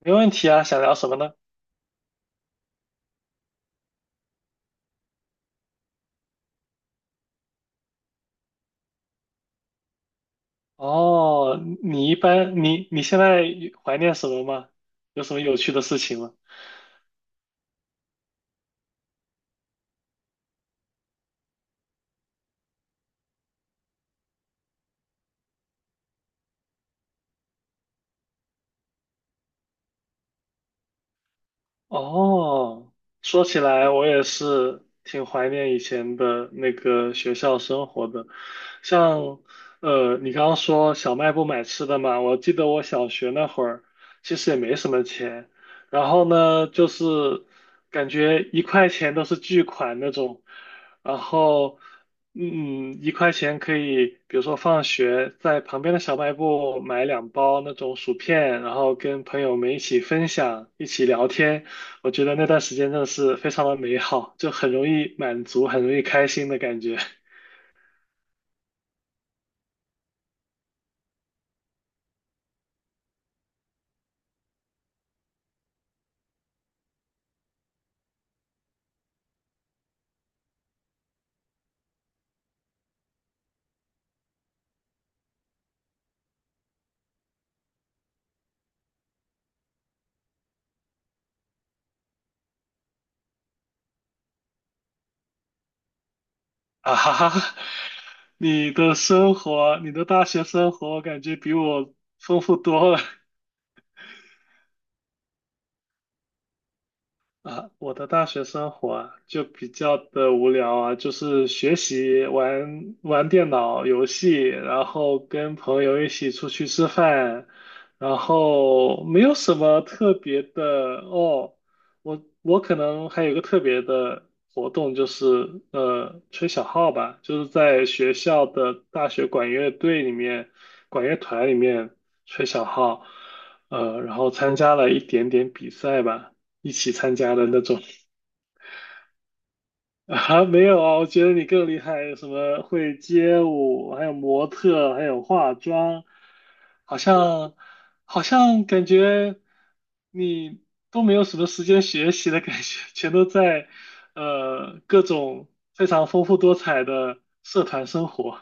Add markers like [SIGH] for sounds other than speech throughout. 没问题啊，想聊什么呢？哦，你一般你你现在怀念什么吗？有什么有趣的事情吗？哦，说起来，我也是挺怀念以前的那个学校生活的。像，你刚刚说小卖部买吃的嘛，我记得我小学那会儿其实也没什么钱，然后呢，就是感觉一块钱都是巨款那种，然后，嗯，一块钱可以，比如说放学在旁边的小卖部买两包那种薯片，然后跟朋友们一起分享，一起聊天。我觉得那段时间真的是非常的美好，就很容易满足，很容易开心的感觉。[LAUGHS] 啊哈哈，你的生活，你的大学生活，感觉比我丰富多了。啊，我的大学生活啊，就比较的无聊啊，就是学习、玩玩电脑游戏，然后跟朋友一起出去吃饭，然后没有什么特别的哦。我可能还有一个特别的活动，就是吹小号吧，就是在学校的大学管乐队里面、管乐团里面吹小号，然后参加了一点点比赛吧。一起参加的那种。 [LAUGHS] 啊，没有啊，我觉得你更厉害，什么会街舞，还有模特，还有化妆，好像好像感觉你都没有什么时间学习的感觉，全都在各种非常丰富多彩的社团生活。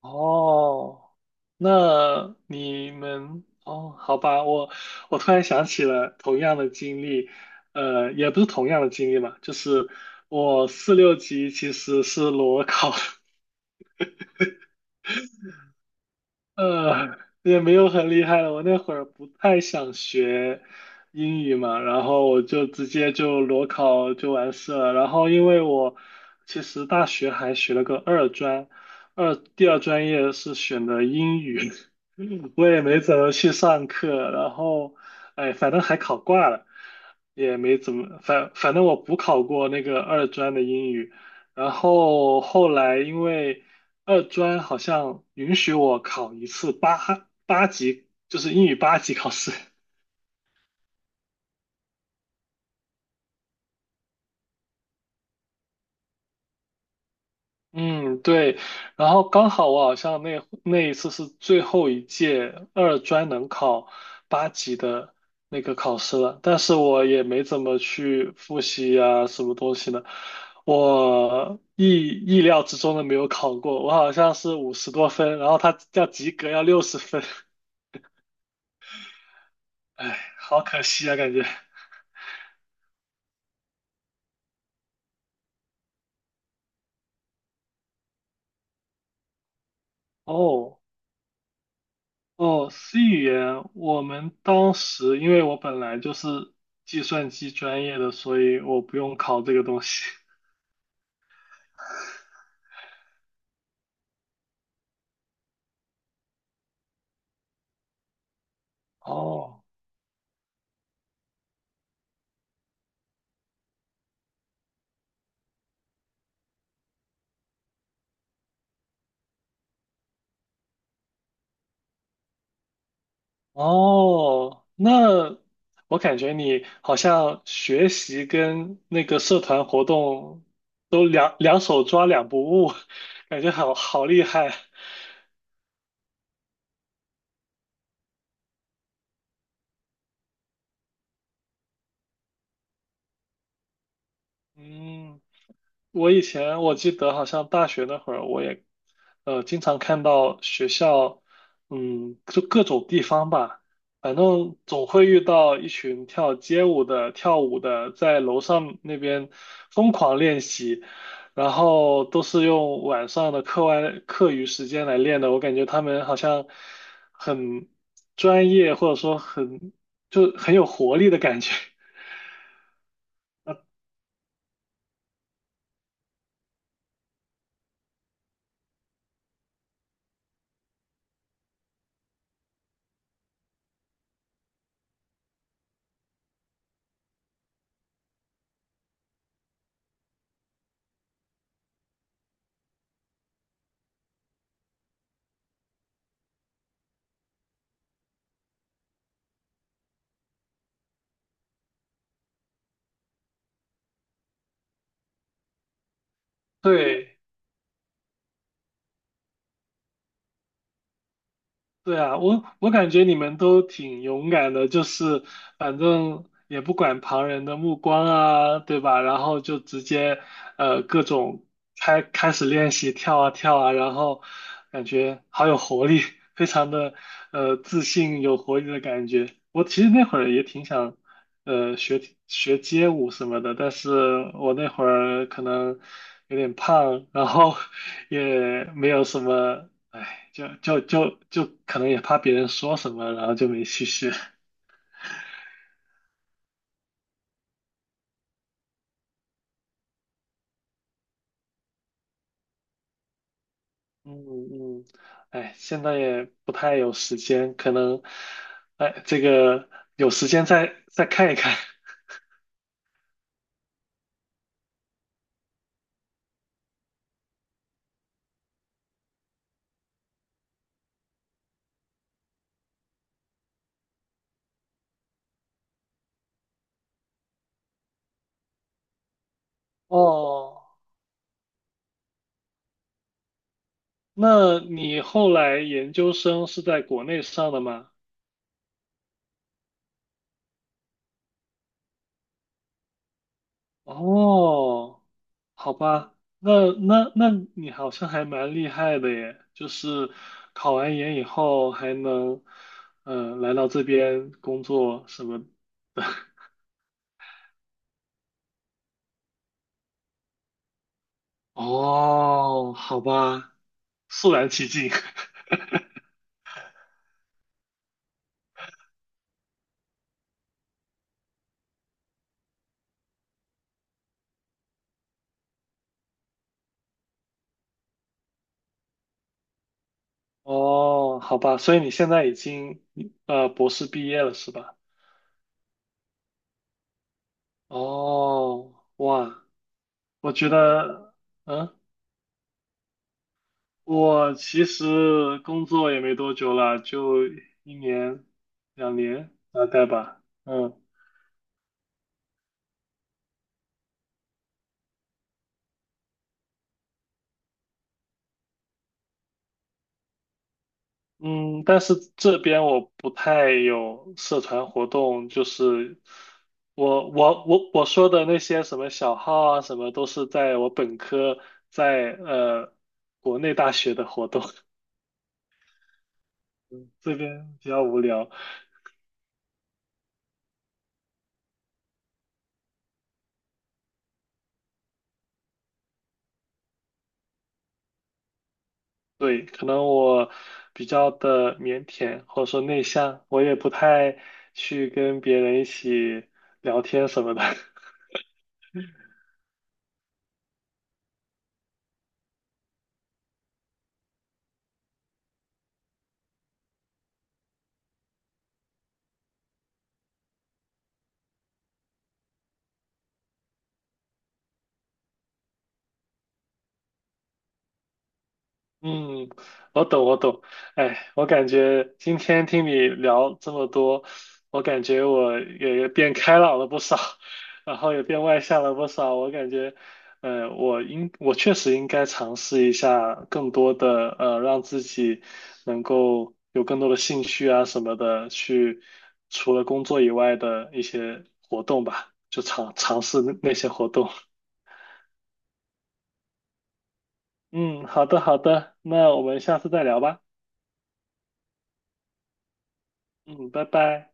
哦，那你们哦，好吧，我突然想起了同样的经历，也不是同样的经历吧，就是我四六级其实是裸考的，也没有很厉害了。我那会儿不太想学英语嘛，然后我就直接就裸考就完事了。然后因为我其实大学还学了个二专，第二专业是选的英语，[LAUGHS] 我也没怎么去上课。然后，哎，反正还考挂了，也没怎么，反正我补考过那个二专的英语。然后后来因为二专好像允许我考一次八级，就是英语八级考试。[LAUGHS] 嗯，对。然后刚好我好像那一次是最后一届二专能考八级的那个考试了，但是我也没怎么去复习啊，什么东西的。我意料之中的没有考过，我好像是五十多分，然后他要及格要六十分，[LAUGHS] 哎，好可惜啊，感觉。哦。哦，C 语言，我们当时因为我本来就是计算机专业的，所以我不用考这个东西。[LAUGHS] 哦，哦，那我感觉你好像学习跟那个社团活动都两手抓两不误，[LAUGHS] 感觉好好厉害。嗯。我以前我记得好像大学那会儿，我也经常看到学校，嗯，就各种地方吧，反正总会遇到一群跳街舞的、跳舞的，在楼上那边疯狂练习，然后都是用晚上的课余时间来练的。我感觉他们好像很专业，或者说就很有活力的感觉。[LAUGHS] 对。对啊，我我感觉你们都挺勇敢的，就是反正也不管旁人的目光啊，对吧？然后就直接各种开始练习跳啊跳啊，然后感觉好有活力，非常的自信有活力的感觉。我其实那会儿也挺想呃学学街舞什么的，但是我那会儿可能有点胖，然后 [LAUGHS] 也没有什么，哎，就可能也怕别人说什么，然后就没去学。[LAUGHS] 嗯嗯，哎，现在也不太有时间，可能，哎，这个有时间再看一看。[LAUGHS] 哦，那你后来研究生是在国内上的吗？哦。好吧，那你好像还蛮厉害的耶，就是考完研以后还能，来到这边工作什么的。[LAUGHS] 哦，好吧，肃然起敬。[LAUGHS] 哦，好吧，所以你现在已经博士毕业了是吧？哦，哇，我觉得，嗯，我其实工作也没多久了，就一年两年大概吧。嗯。嗯，但是这边我不太有社团活动，就是我说的那些什么小号啊，什么都是在我本科在国内大学的活动，[LAUGHS] 嗯这边比较无聊。对，可能我比较的腼腆或者说内向，我也不太去跟别人一起聊天什么的。[LAUGHS] 嗯，我懂，我懂。哎，我感觉今天听你聊这么多，我感觉我也变开朗了不少，然后也变外向了不少。我感觉，我确实应该尝试一下更多的，让自己能够有更多的兴趣啊什么的，去除了工作以外的一些活动吧，就尝试那些活动。嗯，好的，好的，那我们下次再聊吧。嗯，拜拜。